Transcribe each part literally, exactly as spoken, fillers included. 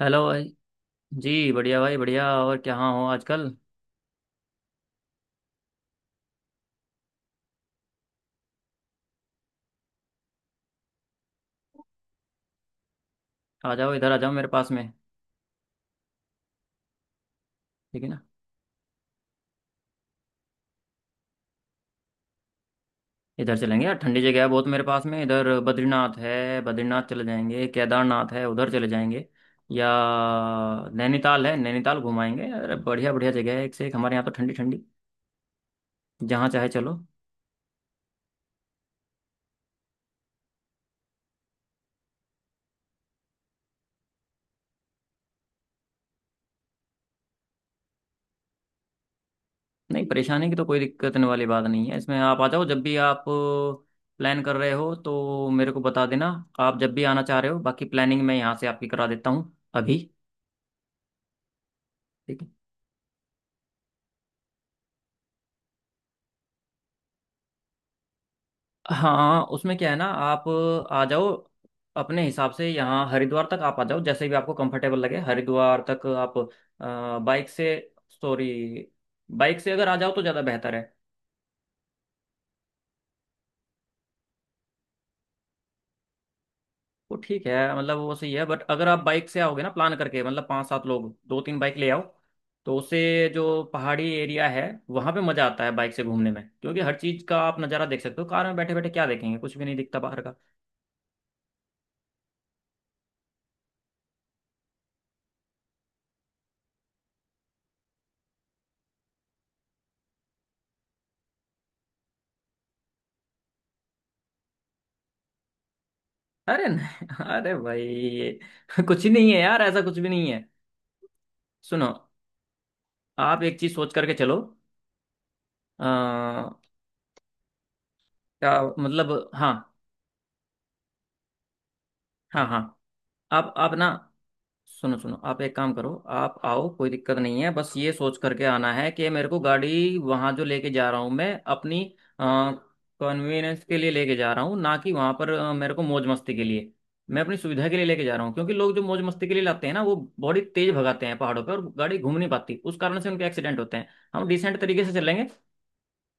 Hello भाई। जी बढ़िया भाई बढ़िया। और क्या हाँ हो आजकल? आ जाओ, इधर आ जाओ मेरे पास में। ठीक है ना? इधर चलेंगे यार, ठंडी जगह है बहुत मेरे पास में। इधर बद्रीनाथ है, बद्रीनाथ चले जाएंगे। केदारनाथ है, उधर चले जाएंगे। या नैनीताल है, नैनीताल घुमाएंगे। अरे बढ़िया बढ़िया जगह है एक से एक हमारे यहाँ तो, ठंडी ठंडी। जहाँ चाहे चलो। नहीं, परेशानी की तो कोई दिक्कत होने वाली बात नहीं है इसमें। आप आ जाओ जब भी आप प्लान कर रहे हो तो मेरे को बता देना। आप जब भी आना चाह रहे हो बाकी प्लानिंग मैं यहाँ से आपकी करा देता हूँ अभी। ठीक है। हाँ, उसमें क्या है ना, आप आ जाओ अपने हिसाब से। यहाँ हरिद्वार तक आप आ जाओ जैसे भी आपको कंफर्टेबल लगे, हरिद्वार तक आप बाइक से। सॉरी, बाइक से अगर आ जाओ तो ज़्यादा बेहतर है। वो ठीक है, मतलब वो सही है बट अगर आप बाइक से आओगे ना, प्लान करके, मतलब पाँच सात लोग दो तीन बाइक ले आओ तो उससे जो पहाड़ी एरिया है वहाँ पे मज़ा आता है बाइक से घूमने में, क्योंकि हर चीज़ का आप नज़ारा देख सकते हो। कार में बैठे बैठे क्या देखेंगे, कुछ भी नहीं दिखता बाहर का। अरे नहीं अरे भाई, ये कुछ नहीं है यार, ऐसा कुछ भी नहीं है। सुनो, आप एक चीज सोच करके चलो। आ, क्या मतलब, हाँ हाँ हाँ, आप आप ना, सुनो सुनो, आप एक काम करो। आप आओ, कोई दिक्कत नहीं है। बस ये सोच करके आना है कि मेरे को गाड़ी वहाँ जो लेके जा रहा हूँ, मैं अपनी कन्वीनियंस के लिए लेके जा रहा हूँ, ना कि वहाँ पर अ, मेरे को मौज मस्ती के लिए। मैं अपनी सुविधा के लिए लेके जा रहा हूँ, क्योंकि लोग जो मौज मस्ती के लिए लाते हैं ना, वो बड़ी तेज भगाते हैं पहाड़ों पर और गाड़ी घूम नहीं पाती, उस कारण से उनके एक्सीडेंट होते हैं। हम डिसेंट तरीके से चलेंगे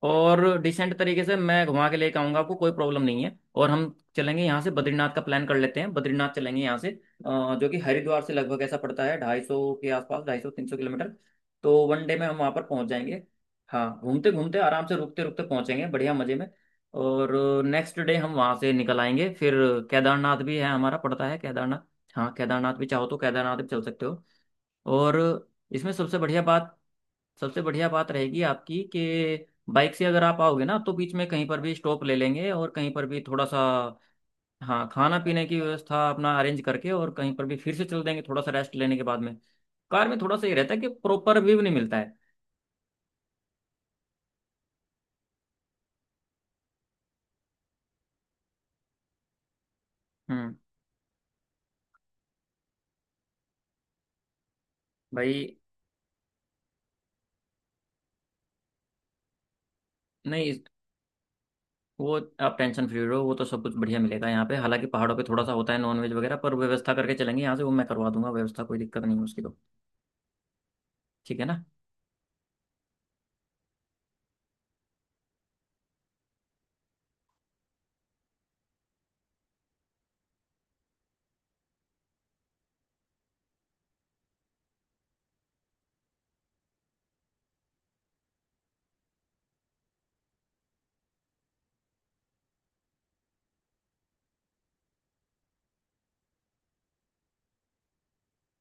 और डिसेंट तरीके से मैं घुमा के लेके आऊंगा आपको, कोई प्रॉब्लम नहीं है। और हम चलेंगे यहाँ से। बद्रीनाथ का प्लान कर लेते हैं, बद्रीनाथ चलेंगे यहाँ से, अ, जो कि हरिद्वार से लगभग ऐसा पड़ता है ढाई सौ के आसपास, ढाई सौ तीन सौ किलोमीटर। तो वन डे में हम वहाँ पर पहुँच जाएंगे। हाँ, घूमते घूमते आराम से रुकते रुकते पहुँचेंगे बढ़िया मज़े में। और नेक्स्ट डे हम वहाँ से निकल आएंगे। फिर केदारनाथ भी है हमारा, पड़ता है केदारनाथ। हाँ, केदारनाथ भी चाहो तो केदारनाथ भी चल सकते हो। और इसमें सबसे बढ़िया बात सबसे बढ़िया बात रहेगी आपकी कि बाइक से अगर आप आओगे ना, तो बीच में कहीं पर भी स्टॉप ले लेंगे और कहीं पर भी थोड़ा सा, हाँ, खाना पीने की व्यवस्था अपना अरेंज करके और कहीं पर भी फिर से चल देंगे थोड़ा सा रेस्ट लेने के बाद में। कार में थोड़ा सा ये रहता है कि प्रॉपर व्यू नहीं मिलता है। हम्म भाई, नहीं, इस- वो आप टेंशन फ्री रहो, वो तो सब कुछ बढ़िया मिलेगा यहाँ पे। हालांकि पहाड़ों पे थोड़ा सा होता है नॉनवेज वगैरह पर, व्यवस्था करके चलेंगे यहाँ से, वो मैं करवा दूंगा व्यवस्था, कोई दिक्कत नहीं है उसकी तो। ठीक है ना?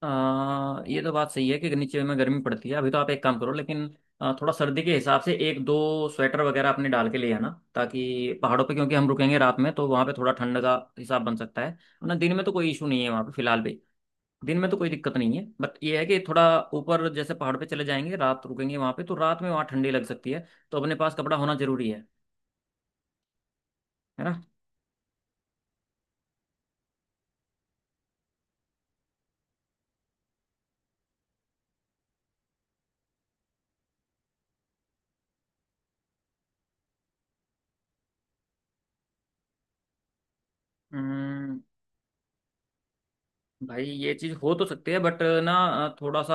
आ, ये तो बात सही है कि नीचे में गर्मी पड़ती है। अभी तो आप एक काम करो, लेकिन आ, थोड़ा सर्दी के हिसाब से एक दो स्वेटर वगैरह अपने डाल के ले आना, ताकि पहाड़ों पे क्योंकि हम रुकेंगे रात में तो वहाँ पे थोड़ा ठंड का हिसाब बन सकता है। वरना दिन में तो कोई इशू नहीं है वहाँ पे फिलहाल भी। दिन में तो कोई दिक्कत नहीं है, बट ये है कि थोड़ा ऊपर जैसे पहाड़ पे चले जाएंगे, रात रुकेंगे वहाँ पे, तो रात में वहाँ ठंडी लग सकती है तो अपने पास कपड़ा होना जरूरी है है ना? हम्म, भाई, ये चीज हो तो सकती है बट ना, थोड़ा सा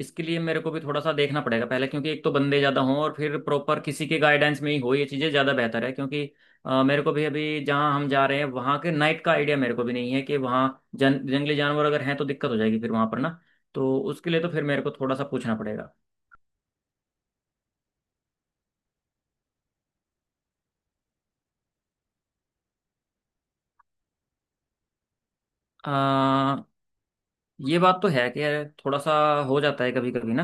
इसके लिए मेरे को भी थोड़ा सा देखना पड़ेगा पहले, क्योंकि एक तो बंदे ज्यादा हों और फिर प्रॉपर किसी के गाइडेंस में ही हो ये चीजें ज्यादा बेहतर है। क्योंकि अ, मेरे को भी अभी जहाँ हम जा रहे हैं वहाँ के नाइट का आइडिया मेरे को भी नहीं है कि वहाँ जन जंगली जानवर अगर हैं तो दिक्कत हो जाएगी फिर वहाँ पर ना। तो उसके लिए तो फिर मेरे को थोड़ा सा पूछना पड़ेगा। अ, ये बात तो है कि थोड़ा सा हो जाता है कभी कभी ना।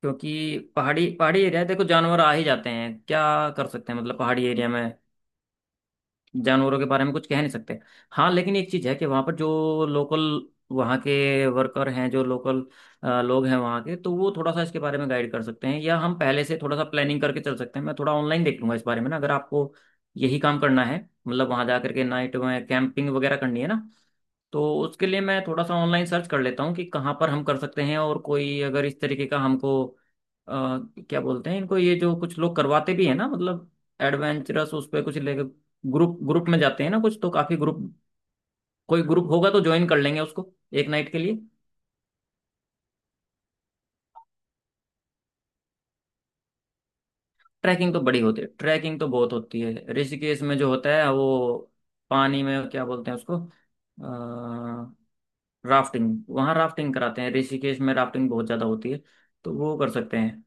क्योंकि पहाड़ी पहाड़ी एरिया है, देखो जानवर आ ही जाते हैं, क्या कर सकते हैं, मतलब पहाड़ी एरिया में जानवरों के बारे में कुछ कह नहीं सकते। हाँ, लेकिन एक चीज़ है कि वहाँ पर जो लोकल, वहाँ के वर्कर हैं, जो लोकल लोग हैं वहाँ के, तो वो थोड़ा सा इसके बारे में गाइड कर सकते हैं या हम पहले से थोड़ा सा प्लानिंग करके चल सकते हैं। मैं थोड़ा ऑनलाइन देख लूंगा इस बारे में ना, अगर आपको यही काम करना है, मतलब वहाँ जा करके नाइट में कैंपिंग वगैरह करनी है ना, तो उसके लिए मैं थोड़ा सा ऑनलाइन सर्च कर लेता हूँ कि कहाँ पर हम कर सकते हैं और कोई अगर इस तरीके का हमको, अ, क्या बोलते हैं इनको, ये जो कुछ लोग करवाते भी हैं ना, मतलब एडवेंचरस उस पर कुछ लेके, ग्रुप ग्रुप में जाते हैं ना कुछ, तो काफी ग्रुप, कोई ग्रुप होगा तो ज्वाइन कर लेंगे उसको एक नाइट के लिए। ट्रैकिंग तो बड़ी होती है, ट्रैकिंग तो बहुत होती है ऋषिकेश में। जो होता है वो पानी में क्या बोलते हैं उसको, राफ्टिंग, वहाँ राफ्टिंग कराते हैं ऋषिकेश में, राफ्टिंग बहुत ज्यादा होती है, तो वो कर सकते हैं।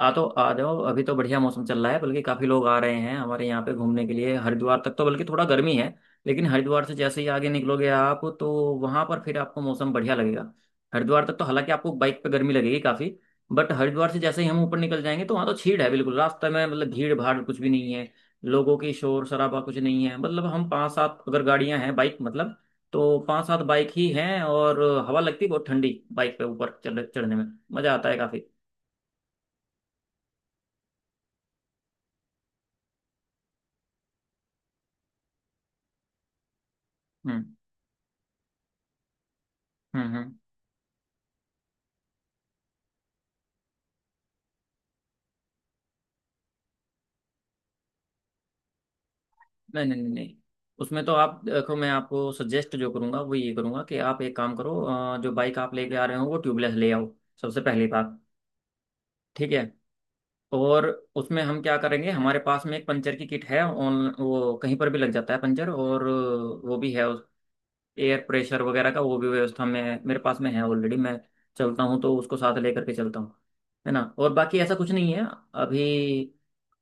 आ तो आ जाओ, अभी तो बढ़िया मौसम चल रहा है, बल्कि काफी लोग आ रहे हैं हमारे यहाँ पे घूमने के लिए। हरिद्वार तक तो बल्कि थोड़ा गर्मी है, लेकिन हरिद्वार से जैसे ही आगे निकलोगे आप तो वहां पर फिर आपको मौसम बढ़िया लगेगा। हरिद्वार तक तो हालांकि आपको बाइक पे गर्मी लगेगी काफी, बट हरिद्वार से जैसे ही हम ऊपर निकल जाएंगे तो वहां तो छीड़ है बिल्कुल रास्ते में, मतलब भीड़ भाड़ कुछ भी नहीं है। लोगों की शोर शराबा कुछ नहीं है, मतलब हम पांच सात अगर गाड़ियां हैं बाइक, मतलब तो पांच सात बाइक ही हैं, और हवा लगती है बहुत ठंडी बाइक पे ऊपर चढ़ चढ़ने में मजा आता है काफी। हम्म। हम्म। हम्म। नहीं नहीं नहीं नहीं, उसमें तो आप देखो, मैं आपको सजेस्ट जो करूंगा वो ये करूंगा कि आप एक काम करो, अ, जो बाइक आप लेके आ रहे हो वो ट्यूबलेस ले आओ, सबसे पहली बात। ठीक है। और उसमें हम क्या करेंगे, हमारे पास में एक पंचर की किट है ऑन, वो कहीं पर भी लग जाता है पंचर, और वो भी है उस एयर प्रेशर वगैरह का, वो भी व्यवस्था में मेरे पास में है ऑलरेडी। मैं चलता हूँ तो उसको साथ लेकर के चलता हूँ, है ना? और बाकी ऐसा कुछ नहीं है अभी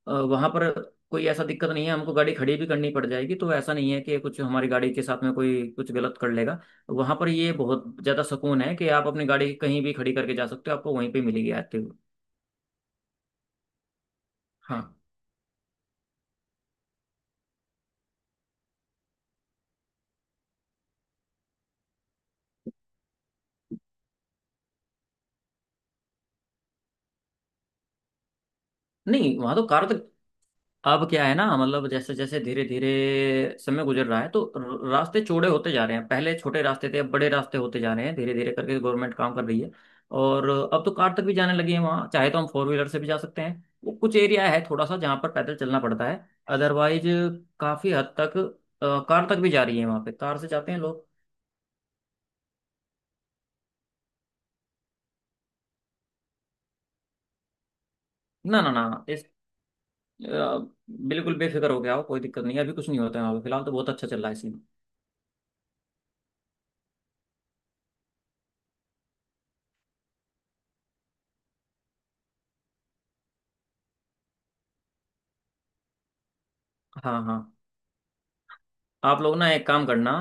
वहां पर, कोई ऐसा दिक्कत नहीं है। हमको गाड़ी खड़ी भी करनी पड़ जाएगी तो ऐसा नहीं है कि कुछ हमारी गाड़ी के साथ में कोई कुछ गलत कर लेगा वहां पर। ये बहुत ज्यादा सुकून है कि आप अपनी गाड़ी कहीं भी खड़ी करके जा सकते हो, आपको वहीं पे मिलेगी आते हुए। हाँ। नहीं वहां तो कार तो, अब क्या है ना, मतलब जैसे जैसे धीरे धीरे समय गुजर रहा है तो र- रास्ते चौड़े होते जा रहे हैं, पहले छोटे रास्ते थे, अब बड़े रास्ते होते जा रहे हैं, धीरे धीरे करके गवर्नमेंट काम कर रही है। और अब तो कार तक भी जाने लगी है वहाँ, चाहे तो हम फोर व्हीलर से भी जा सकते हैं। वो कुछ एरिया है थोड़ा सा जहाँ पर पैदल चलना पड़ता है, अदरवाइज काफी हद तक अ, कार तक भी जा रही है वहाँ पे, कार से जाते हैं लोग। ना ना ना, इस अ, बिल्कुल बेफिक्र हो गया हो, कोई दिक्कत नहीं है अभी कुछ नहीं होता है वहाँ पे फिलहाल, तो बहुत अच्छा चल रहा है सीन। हाँ हाँ। आप लोग ना एक काम करना,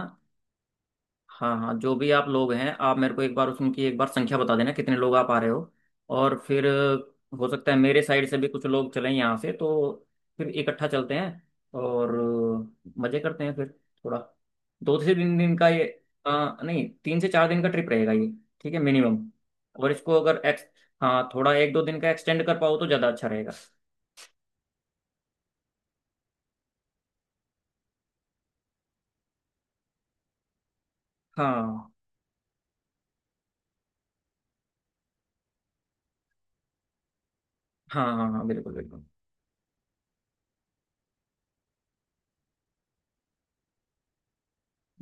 हाँ हाँ, जो भी आप लोग हैं आप मेरे को एक बार उनकी एक बार संख्या बता देना कितने लोग आप आ रहे हो, और फिर अ, हो सकता है मेरे साइड से भी कुछ लोग चलें यहाँ से तो फिर इकट्ठा चलते हैं और अ, मजे करते हैं फिर। थोड़ा दो से तीन दिन का ये, अ, नहीं, तीन से चार दिन का ट्रिप रहेगा ये, ठीक है, मिनिमम। और इसको अगर एक्स हाँ, थोड़ा एक दो दिन का एक्सटेंड कर पाओ तो ज़्यादा अच्छा रहेगा। हाँ हाँ हाँ हाँ, बिल्कुल बिल्कुल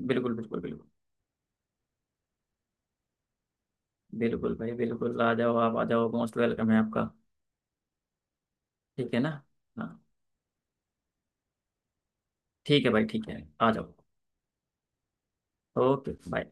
बिल्कुल। बिल्कुल बिल्कुल, बिल्कुल भाई, बिल्कुल आ जाओ, आप आ जाओ, मोस्ट वेलकम है आपका। ठीक है ना? हाँ। ठीक है भाई, ठीक है, आ जाओ। Okay, bye.